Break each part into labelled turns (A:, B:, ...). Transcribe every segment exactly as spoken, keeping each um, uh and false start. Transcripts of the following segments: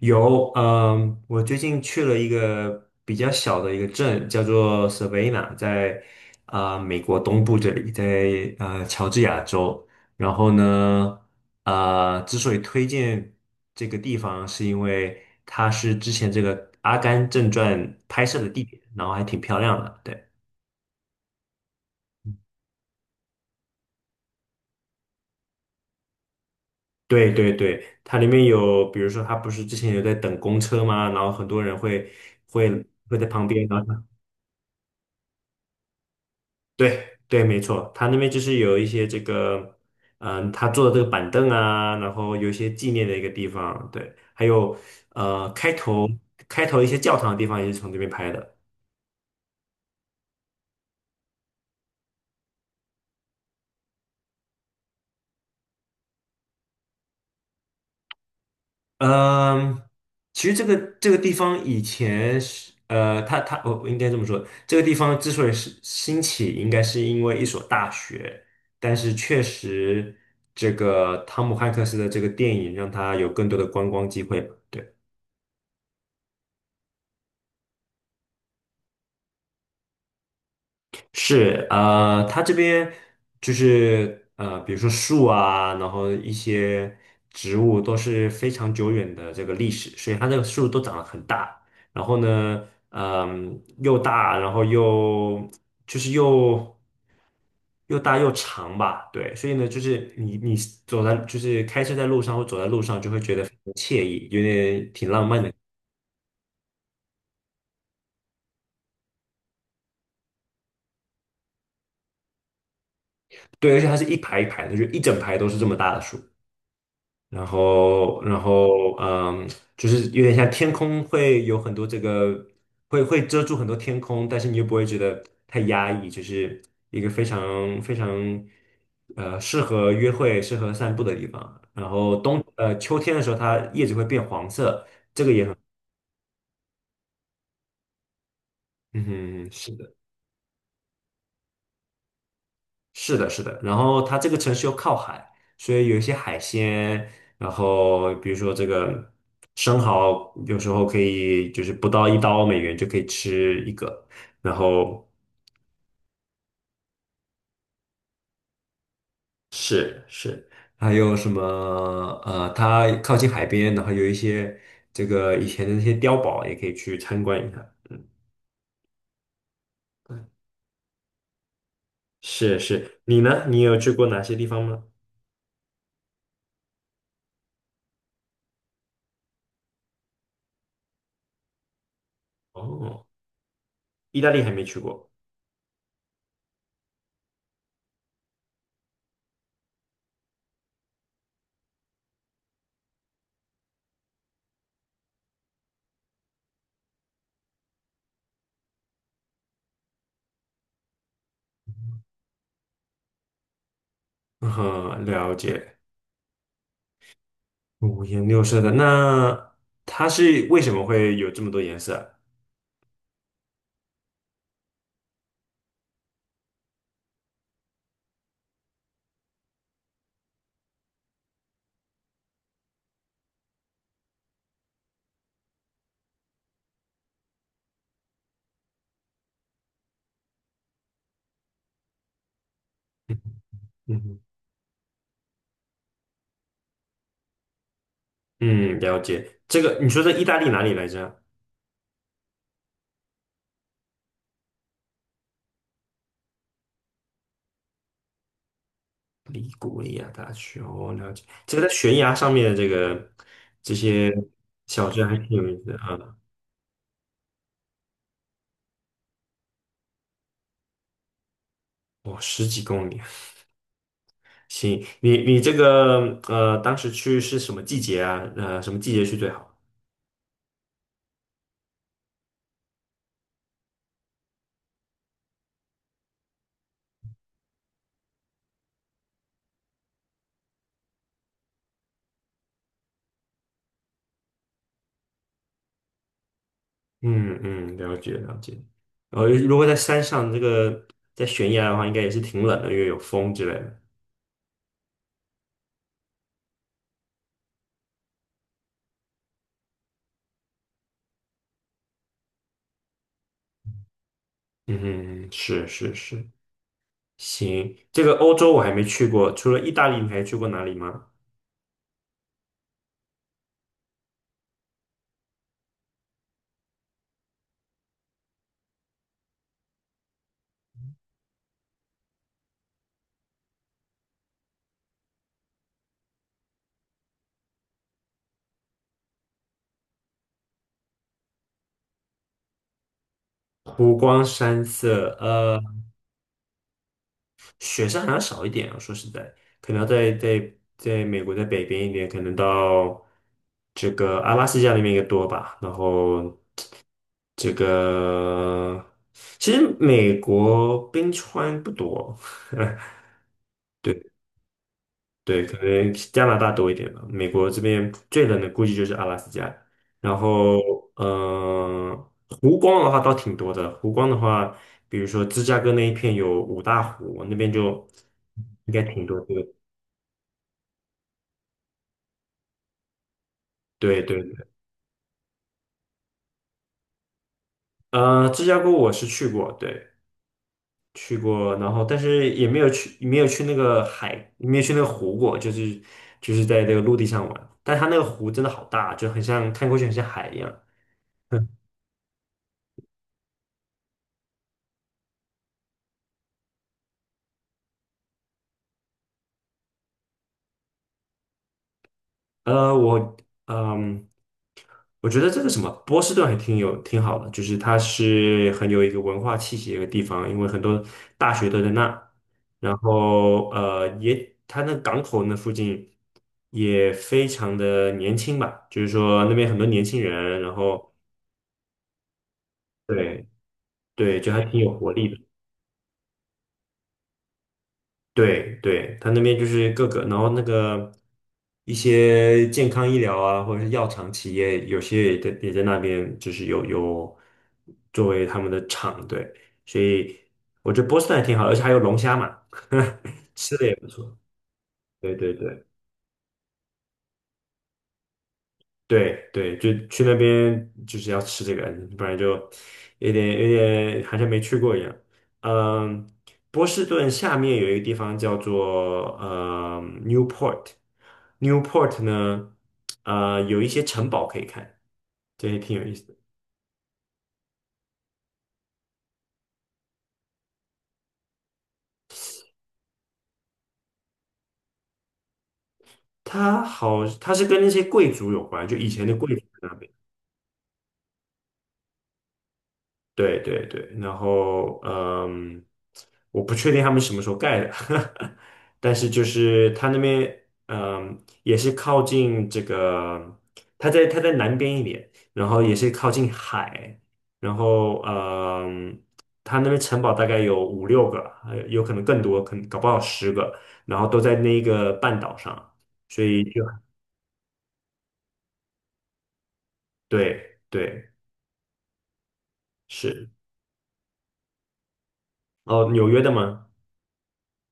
A: 有，嗯，我最近去了一个比较小的一个镇，叫做 Savannah，在啊、美国东部这里，在呃乔治亚州。然后呢，啊、之所以推荐这个地方，是因为它是之前这个《阿甘正传》拍摄的地点，然后还挺漂亮的。对，对对对，它里面有，比如说，它不是之前有在等公车吗？然后很多人会会会在旁边，然后。对对，没错，他那边就是有一些这个，嗯，他坐的这个板凳啊，然后有一些纪念的一个地方，对，还有呃，开头开头一些教堂的地方也是从这边拍的。嗯，其实这个这个地方以前是呃，他他我我应该这么说，这个地方之所以是兴起，应该是因为一所大学，但是确实这个汤姆汉克斯的这个电影让他有更多的观光机会吧。对。是，呃，它这边就是呃，比如说树啊，然后一些植物都是非常久远的这个历史，所以它这个树都长得很大，然后呢，嗯、又大，然后又就是又又大又长吧，对，所以呢，就是你你走在就是开车在路上或走在路上，就会觉得非常惬意，有点挺浪漫的，对，而且它是一排一排的，就一整排都是这么大的树。然后，然后，嗯，就是有点像天空会有很多这个，会会遮住很多天空，但是你又不会觉得太压抑，就是一个非常非常，呃，适合约会、适合散步的地方。然后冬，呃，秋天的时候，它叶子会变黄色。嗯哼，是。是的，是的。然后它这个城市又靠海，所以有一些海鲜，然后比如说这个生蚝，有时候可以就是不到一刀美元就可以吃一个。然后是是，还有什么呃，它靠近海边，然后有一些这个以前的那些碉堡也可以去参观一下。嗯，是是。你呢？你有去过哪些地方吗？哦，意大利还没去过。嗯哼，了解。五颜六色的，那它是为什么会有这么多颜色？嗯哼嗯，了解。这个你说在意大利哪里来着啊？利古里亚大学，哦，了解。这个在悬崖上面的这个这些小镇还挺有意思的啊。哦，十几公里，行。你你这个呃，当时去是什么季节啊？呃，什么季节去最好？嗯嗯，了解了解。然后如果在山上这个在悬崖的话，应该也是挺冷的，因为有风之类的。嗯哼，是是是，行，这个欧洲我还没去过，除了意大利，你还去过哪里吗？湖光山色，呃，雪山好像少一点啊，说实在，可能要在在在美国在北边一点，可能到这个阿拉斯加那边也多吧。然后这个，其实美国冰川不多，对。对，可能加拿大多一点吧。美国这边最冷的估计就是阿拉斯加，然后嗯，湖光的话倒挺多的。湖光的话，比如说芝加哥那一片有五大湖，那边就应该挺多的。对对，对呃，芝加哥我是去过，对，去过，然后但是也没有去，没有去那个海，没有去那个湖过，就是就是在那个陆地上玩。但它那个湖真的好大，就很像看过去很像海一样。呃，我嗯，我觉得这个什么波士顿还挺有挺好的，就是它是很有一个文化气息的一个地方，因为很多大学都在那，然后呃也它那港口那附近也非常的年轻吧，就是说那边很多年轻人，然后对对，就还挺有活力的。对对，他那边就是各个，然后那个一些健康医疗啊，或者是药厂企业，有些也在也在那边，就是有有作为他们的厂，对，所以我觉得波士顿还挺好的而且还有龙虾嘛，吃的也不错。对对对。对对，就去那边就是要吃这个，不然就有点有点好像没去过一样。嗯，波士顿下面有一个地方叫做呃 Newport，Newport 呢，呃有一些城堡可以看，这也挺有意思的。它好，它是跟那些贵族有关，就以前的贵族在那边。对对对，然后嗯，我不确定他们什么时候盖的，但是就是他那边嗯也是靠近这个，他在他在南边一点，然后也是靠近海，然后嗯，他那边城堡大概有五六个，还有有可能更多，可能搞不好十个，然后都在那个半岛上，所以就对对是哦，纽约的吗？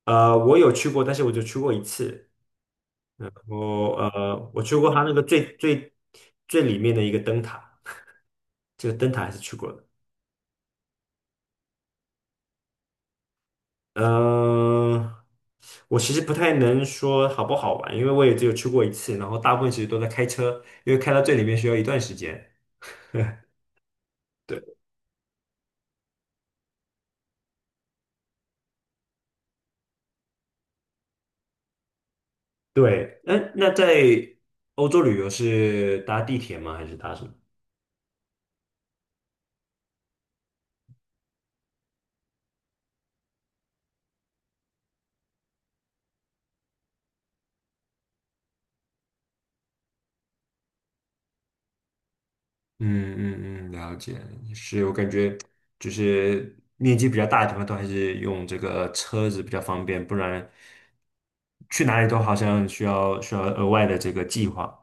A: 呃，我有去过，但是我就去过一次。我呃，我去过它那个最最最里面的一个灯塔，这个灯塔还是去过的。嗯、我其实不太能说好不好玩，因为我也只有去过一次，然后大部分其实都在开车，因为开到最里面需要一段时间。对对，那那在欧洲旅游是搭地铁吗？还是搭什么？嗯嗯嗯，了解，是我感觉就是面积比较大的地方都还是用这个车子比较方便，不然去哪里都好像需要需要额外的这个计划。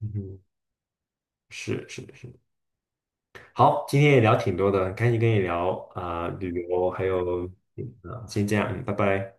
A: 嗯是是是，好，今天也聊挺多的，很开心跟你聊啊、旅游，还有啊，先这样，嗯，拜拜。